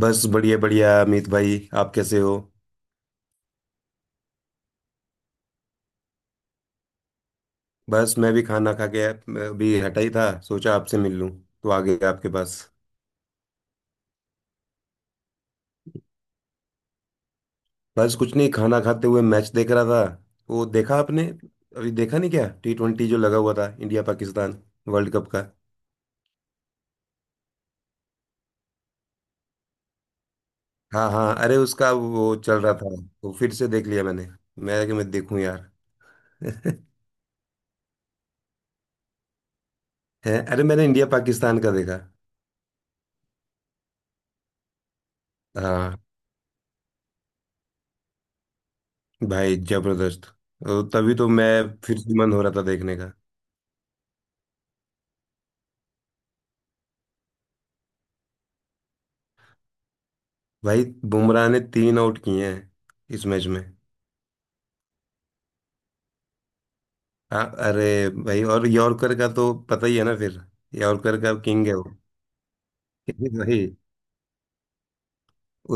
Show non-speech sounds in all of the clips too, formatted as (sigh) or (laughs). बस बढ़िया बढ़िया अमित भाई, आप कैसे हो। बस मैं भी खाना खा के अभी हटा ही था, सोचा आपसे मिल लूं तो आ गया आपके पास। बस कुछ नहीं, खाना खाते हुए मैच देख रहा था। वो देखा आपने? अभी देखा नहीं क्या? टी ट्वेंटी जो लगा हुआ था, इंडिया पाकिस्तान वर्ल्ड कप का। हाँ हाँ, अरे उसका वो चल रहा था। वो फिर से देख लिया मैंने। मैं देखूं यार। (laughs) है अरे, मैंने इंडिया पाकिस्तान का देखा। हाँ भाई, जबरदस्त। तो तभी तो मैं, फिर से मन हो रहा था देखने का। भाई, बुमराह ने तीन आउट किए हैं इस मैच में। अरे भाई, और यॉर्कर का तो पता ही है ना फिर। यॉर्कर का किंग है वो। (laughs) भाई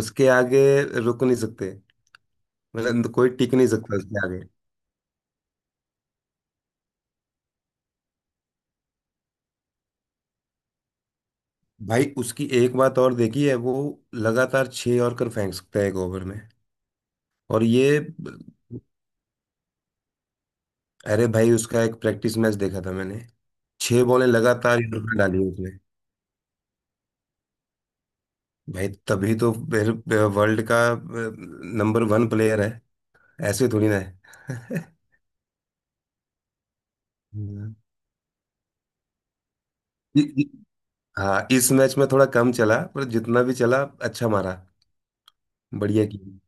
उसके आगे रुक नहीं सकते, मतलब कोई टिक नहीं सकता उसके आगे। भाई उसकी एक बात और देखी है, वो लगातार छह यॉर्कर फेंक सकता है एक ओवर में। और ये, अरे भाई, उसका एक प्रैक्टिस मैच देखा था मैंने। छह बॉलें लगातार यॉर्कर डाली उसने। भाई तभी तो फिर वर्ल्ड का नंबर वन प्लेयर है, ऐसे थोड़ी ना है। (laughs) हम्म। इ- इ- हाँ इस मैच में थोड़ा कम चला, पर जितना भी चला अच्छा मारा, बढ़िया किया।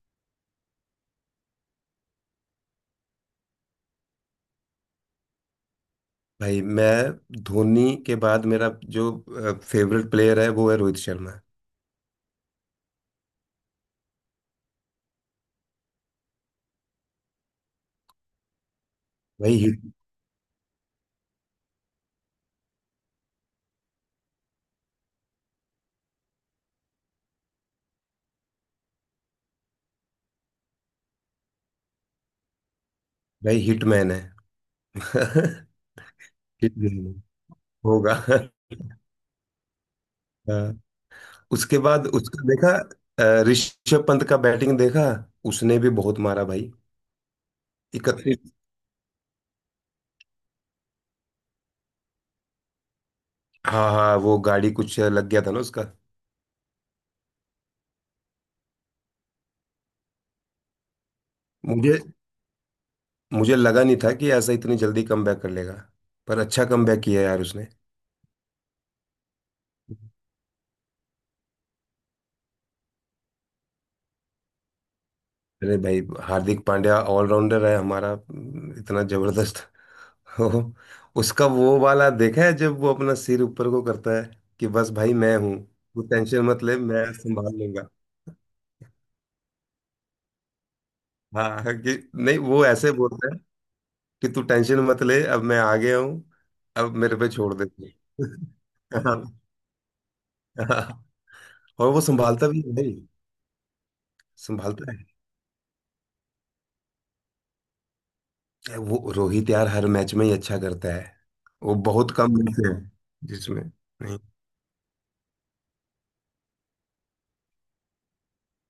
भाई मैं धोनी के बाद, मेरा जो फेवरेट प्लेयर है वो है रोहित शर्मा। भाई हिट भाई हिटमैन है। (laughs) हिटमैन होगा। हाँ। उसके बाद उसका देखा, ऋषभ पंत का बैटिंग देखा। उसने भी बहुत मारा भाई, 31। हाँ हाँ, वो गाड़ी कुछ लग गया था ना उसका। मुझे मुझे लगा नहीं था कि ऐसा इतनी जल्दी कमबैक कर लेगा, पर अच्छा कमबैक किया यार उसने। अरे भाई, हार्दिक पांड्या ऑलराउंडर है हमारा, इतना जबरदस्त। (laughs) हो, उसका वो वाला देखा है जब वो अपना सिर ऊपर को करता है कि बस भाई, मैं हूँ, तू टेंशन मत ले मैं संभाल लूंगा। हाँ कि नहीं, वो ऐसे बोलता है कि तू टेंशन मत ले, अब मैं आ गया हूँ, अब मेरे पे छोड़ दे तू। (laughs) हाँ, हाँ, और वो संभालता भी है भाई। संभालता, वो रोहित यार हर मैच में ही अच्छा करता है। वो बहुत कम मैच है जिसमें नहीं।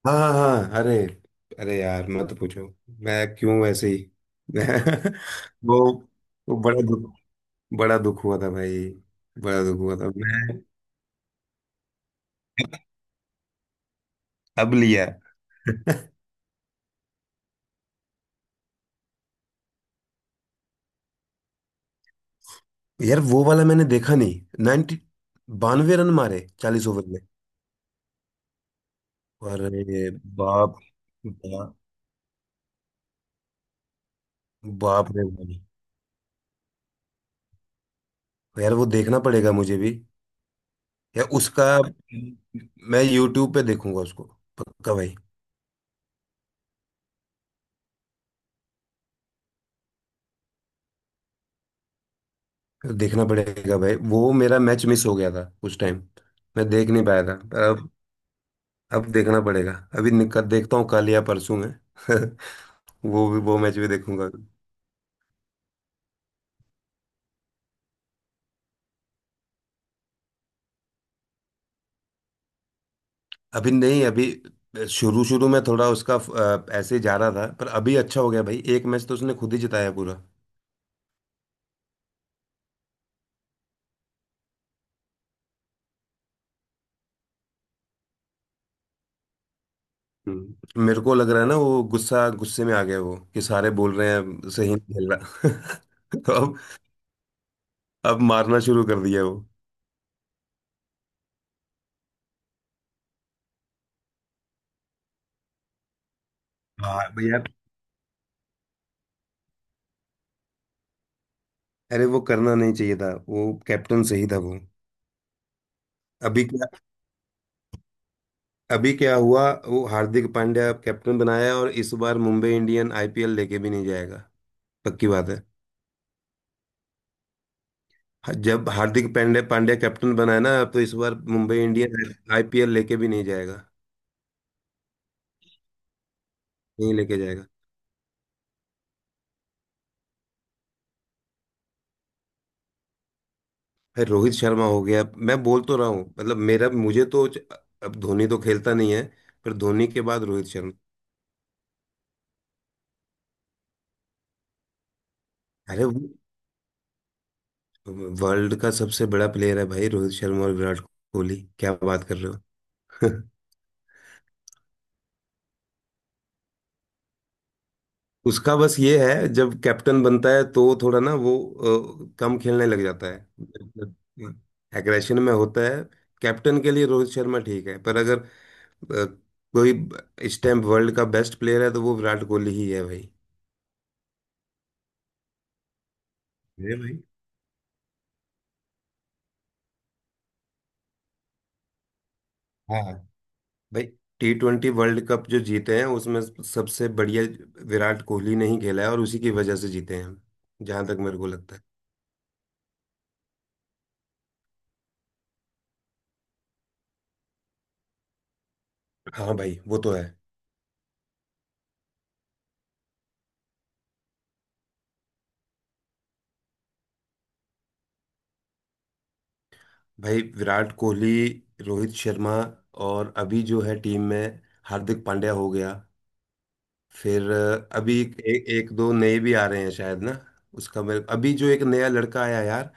हाँ हाँ हाँ, अरे, अरे यार मत पूछो, मैं क्यों वैसे ही। (laughs) वो वो बड़ा दुख, बड़ा दुख हुआ था भाई, बड़ा दुख हुआ था मैं। अब लिया। (laughs) यार वो वाला मैंने देखा नहीं, नाइनटी 92 रन मारे 40 ओवर में। अरे बाप, बाप, बाप रे बाप। यार वो देखना पड़ेगा मुझे भी, या उसका, मैं यूट्यूब पे देखूंगा उसको, पक्का भाई। देखना पड़ेगा भाई, वो मेरा मैच मिस हो गया था उस टाइम, मैं देख नहीं पाया था, पर अब देखना पड़ेगा। अभी निकल देखता हूँ कल या परसों में। (laughs) वो भी वो मैच भी देखूंगा। अभी नहीं, अभी शुरू शुरू में थोड़ा उसका ऐसे ही जा रहा था, पर अभी अच्छा हो गया भाई, एक मैच तो उसने खुद ही जिताया पूरा। हम्म। मेरे को लग रहा है ना, वो गुस्सा गुस्से में आ गया वो कि सारे बोल रहे हैं सही नहीं खेल रहा। (laughs) तो अब मारना शुरू कर दिया वो। हाँ भैया, अरे वो करना नहीं चाहिए था, वो कैप्टन सही था वो। अभी क्या, अभी क्या हुआ, वो हार्दिक पांड्या कैप्टन बनाया और इस बार मुंबई इंडियन आईपीएल लेके भी नहीं जाएगा, पक्की बात है। जब हार्दिक पांड्या पांड्या कैप्टन बनाया ना, तो इस बार मुंबई इंडियन आईपीएल लेके भी नहीं जाएगा, नहीं लेके जाएगा। भाई रोहित शर्मा हो गया, मैं बोल तो रहा हूँ, मतलब मेरा मुझे तो अब धोनी तो खेलता नहीं है, पर धोनी के बाद रोहित शर्मा। अरे वो वर्ल्ड का सबसे बड़ा प्लेयर है भाई, रोहित शर्मा और विराट कोहली, क्या बात कर रहे हो। (laughs) उसका बस ये है, जब कैप्टन बनता है तो थोड़ा ना वो कम खेलने लग जाता है, एग्रेशन में होता है। कैप्टन के लिए रोहित शर्मा ठीक है, पर अगर अ, कोई ब- इस टाइम वर्ल्ड का बेस्ट प्लेयर है तो वो विराट कोहली ही है भाई। अरे भाई, हाँ भाई, टी ट्वेंटी वर्ल्ड कप जो जीते हैं उसमें सबसे बढ़िया विराट कोहली ने ही खेला है, और उसी की वजह से जीते हैं हम, जहां तक मेरे को लगता है। हाँ भाई, वो तो है। भाई विराट कोहली, रोहित शर्मा, और अभी जो है टीम में हार्दिक पांड्या हो गया, फिर अभी एक दो नए भी आ रहे हैं शायद ना। उसका मेरे अभी जो एक नया लड़का आया यार,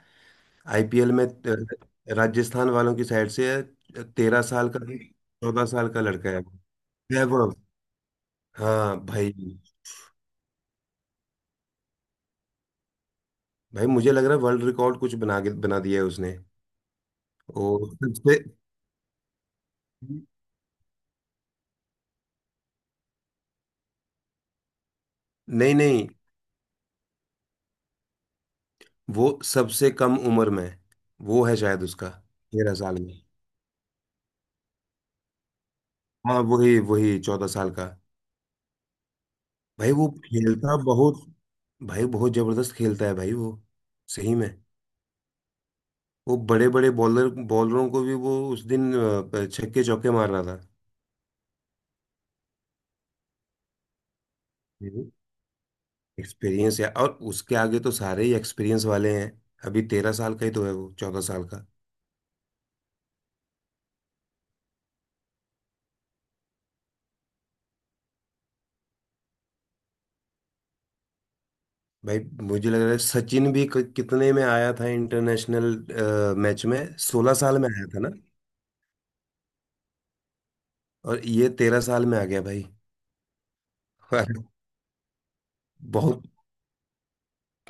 आईपीएल में राजस्थान वालों की साइड से है, 13 साल का 14 साल का लड़का है वो। वैभव, हाँ भाई। भाई मुझे लग रहा है वर्ल्ड रिकॉर्ड कुछ बना के बना दिया है उसने, और सबसे, नहीं नहीं वो सबसे कम उम्र में, वो है शायद उसका, 13 साल में। हाँ वही वही 14 साल का। भाई वो खेलता बहुत, भाई बहुत जबरदस्त खेलता है भाई वो, सही में। वो बड़े बड़े बॉलरों को भी वो उस दिन छक्के चौके मार रहा था। एक्सपीरियंस है, और उसके आगे तो सारे ही एक्सपीरियंस वाले हैं, अभी 13 साल का ही तो है वो, 14 साल का। भाई मुझे लग रहा है सचिन भी कितने में आया था इंटरनेशनल मैच में, 16 साल में आया था ना, और ये 13 साल में आ गया भाई। (laughs) अरे, बहुत।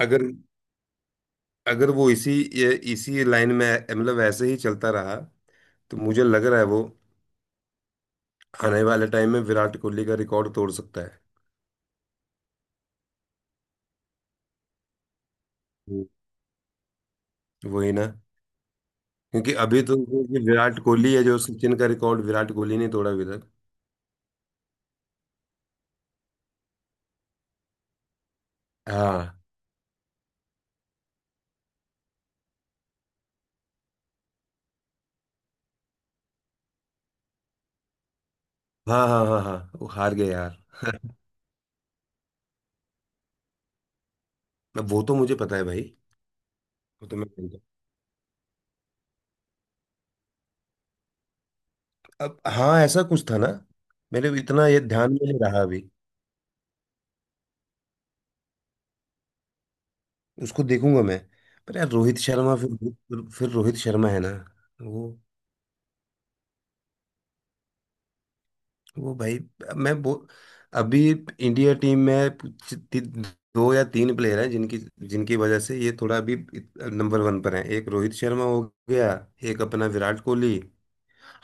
अगर, अगर वो इसी, इसी लाइन में, मतलब ऐसे ही चलता रहा तो मुझे लग रहा है वो आने वाले टाइम में विराट कोहली का रिकॉर्ड तोड़ सकता है। हम्म। वही ना, क्योंकि अभी तो जो ये विराट कोहली है, जो सचिन का रिकॉर्ड विराट कोहली ने तोड़ा अभी तक। हाँ हाँ हाँ हाँ, हाँ वो हार गए यार। अब वो तो मुझे पता है भाई, वो तो मैं जानता हूँ। अब हाँ ऐसा कुछ था ना, मेरे इतना ये ध्यान में नहीं रहा अभी। उसको देखूंगा मैं, पर यार रोहित शर्मा, फिर रोहित शर्मा है ना वो वो भाई, मैं वो, अभी इंडिया टीम में दो या तीन प्लेयर हैं जिनकी, जिनकी वजह से ये थोड़ा अभी नंबर वन पर है, एक रोहित शर्मा हो गया, एक अपना विराट कोहली,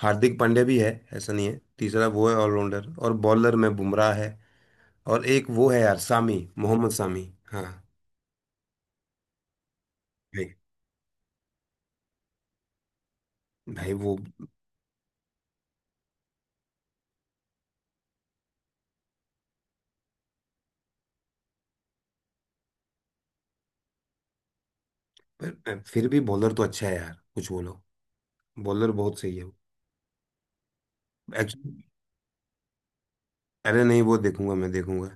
हार्दिक पांड्या भी है, ऐसा नहीं है, तीसरा वो है ऑलराउंडर, और बॉलर में बुमराह है, और एक वो है यार सामी, मोहम्मद सामी। हाँ भाई, भाई वो, पर फिर भी बॉलर तो अच्छा है यार, कुछ बोलो, बॉलर बहुत सही है। एक्चुअली, अरे नहीं, वो देखूंगा मैं देखूंगा,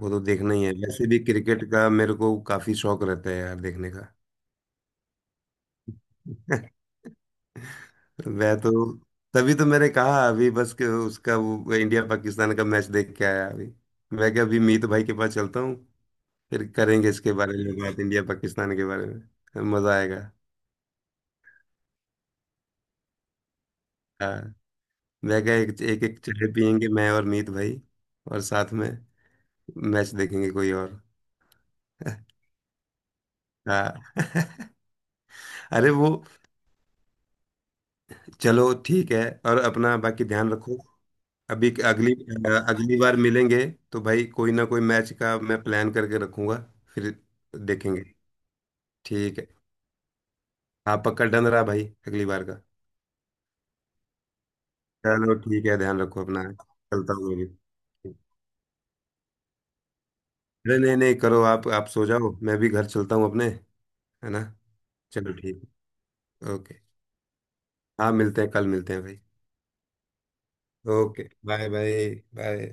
वो तो देखना ही है वैसे भी, क्रिकेट का मेरे को काफी शौक रहता है यार देखने का। (laughs) मैं तो, तभी तो मैंने कहा अभी बस कि उसका वो इंडिया पाकिस्तान का मैच देख के आया अभी। मैं क्या, अभी मीत भाई के पास चलता हूँ, फिर करेंगे इसके बारे में बात, इंडिया पाकिस्तान के बारे में, मजा आएगा। हाँ। मैं क्या, एक एक, एक चाय पियेंगे मैं और मीत भाई, और साथ में मैच देखेंगे कोई और। (laughs) हाँ। (laughs) अरे वो, चलो ठीक है, और अपना बाकी ध्यान रखो। अभी, अगली अगली बार मिलेंगे तो भाई कोई ना कोई मैच का मैं प्लान करके रखूंगा, फिर देखेंगे। ठीक है, हाँ पक्का डन रहा भाई अगली बार का। चलो ठीक है, ध्यान रखो अपना, चलता हूँ मैं भी। अरे नहीं नहीं करो, आप सो जाओ, मैं भी घर चलता हूँ अपने, है ना। चलो ठीक। ओके। हाँ मिलते हैं कल, मिलते हैं भाई। Okay bye bye, bye.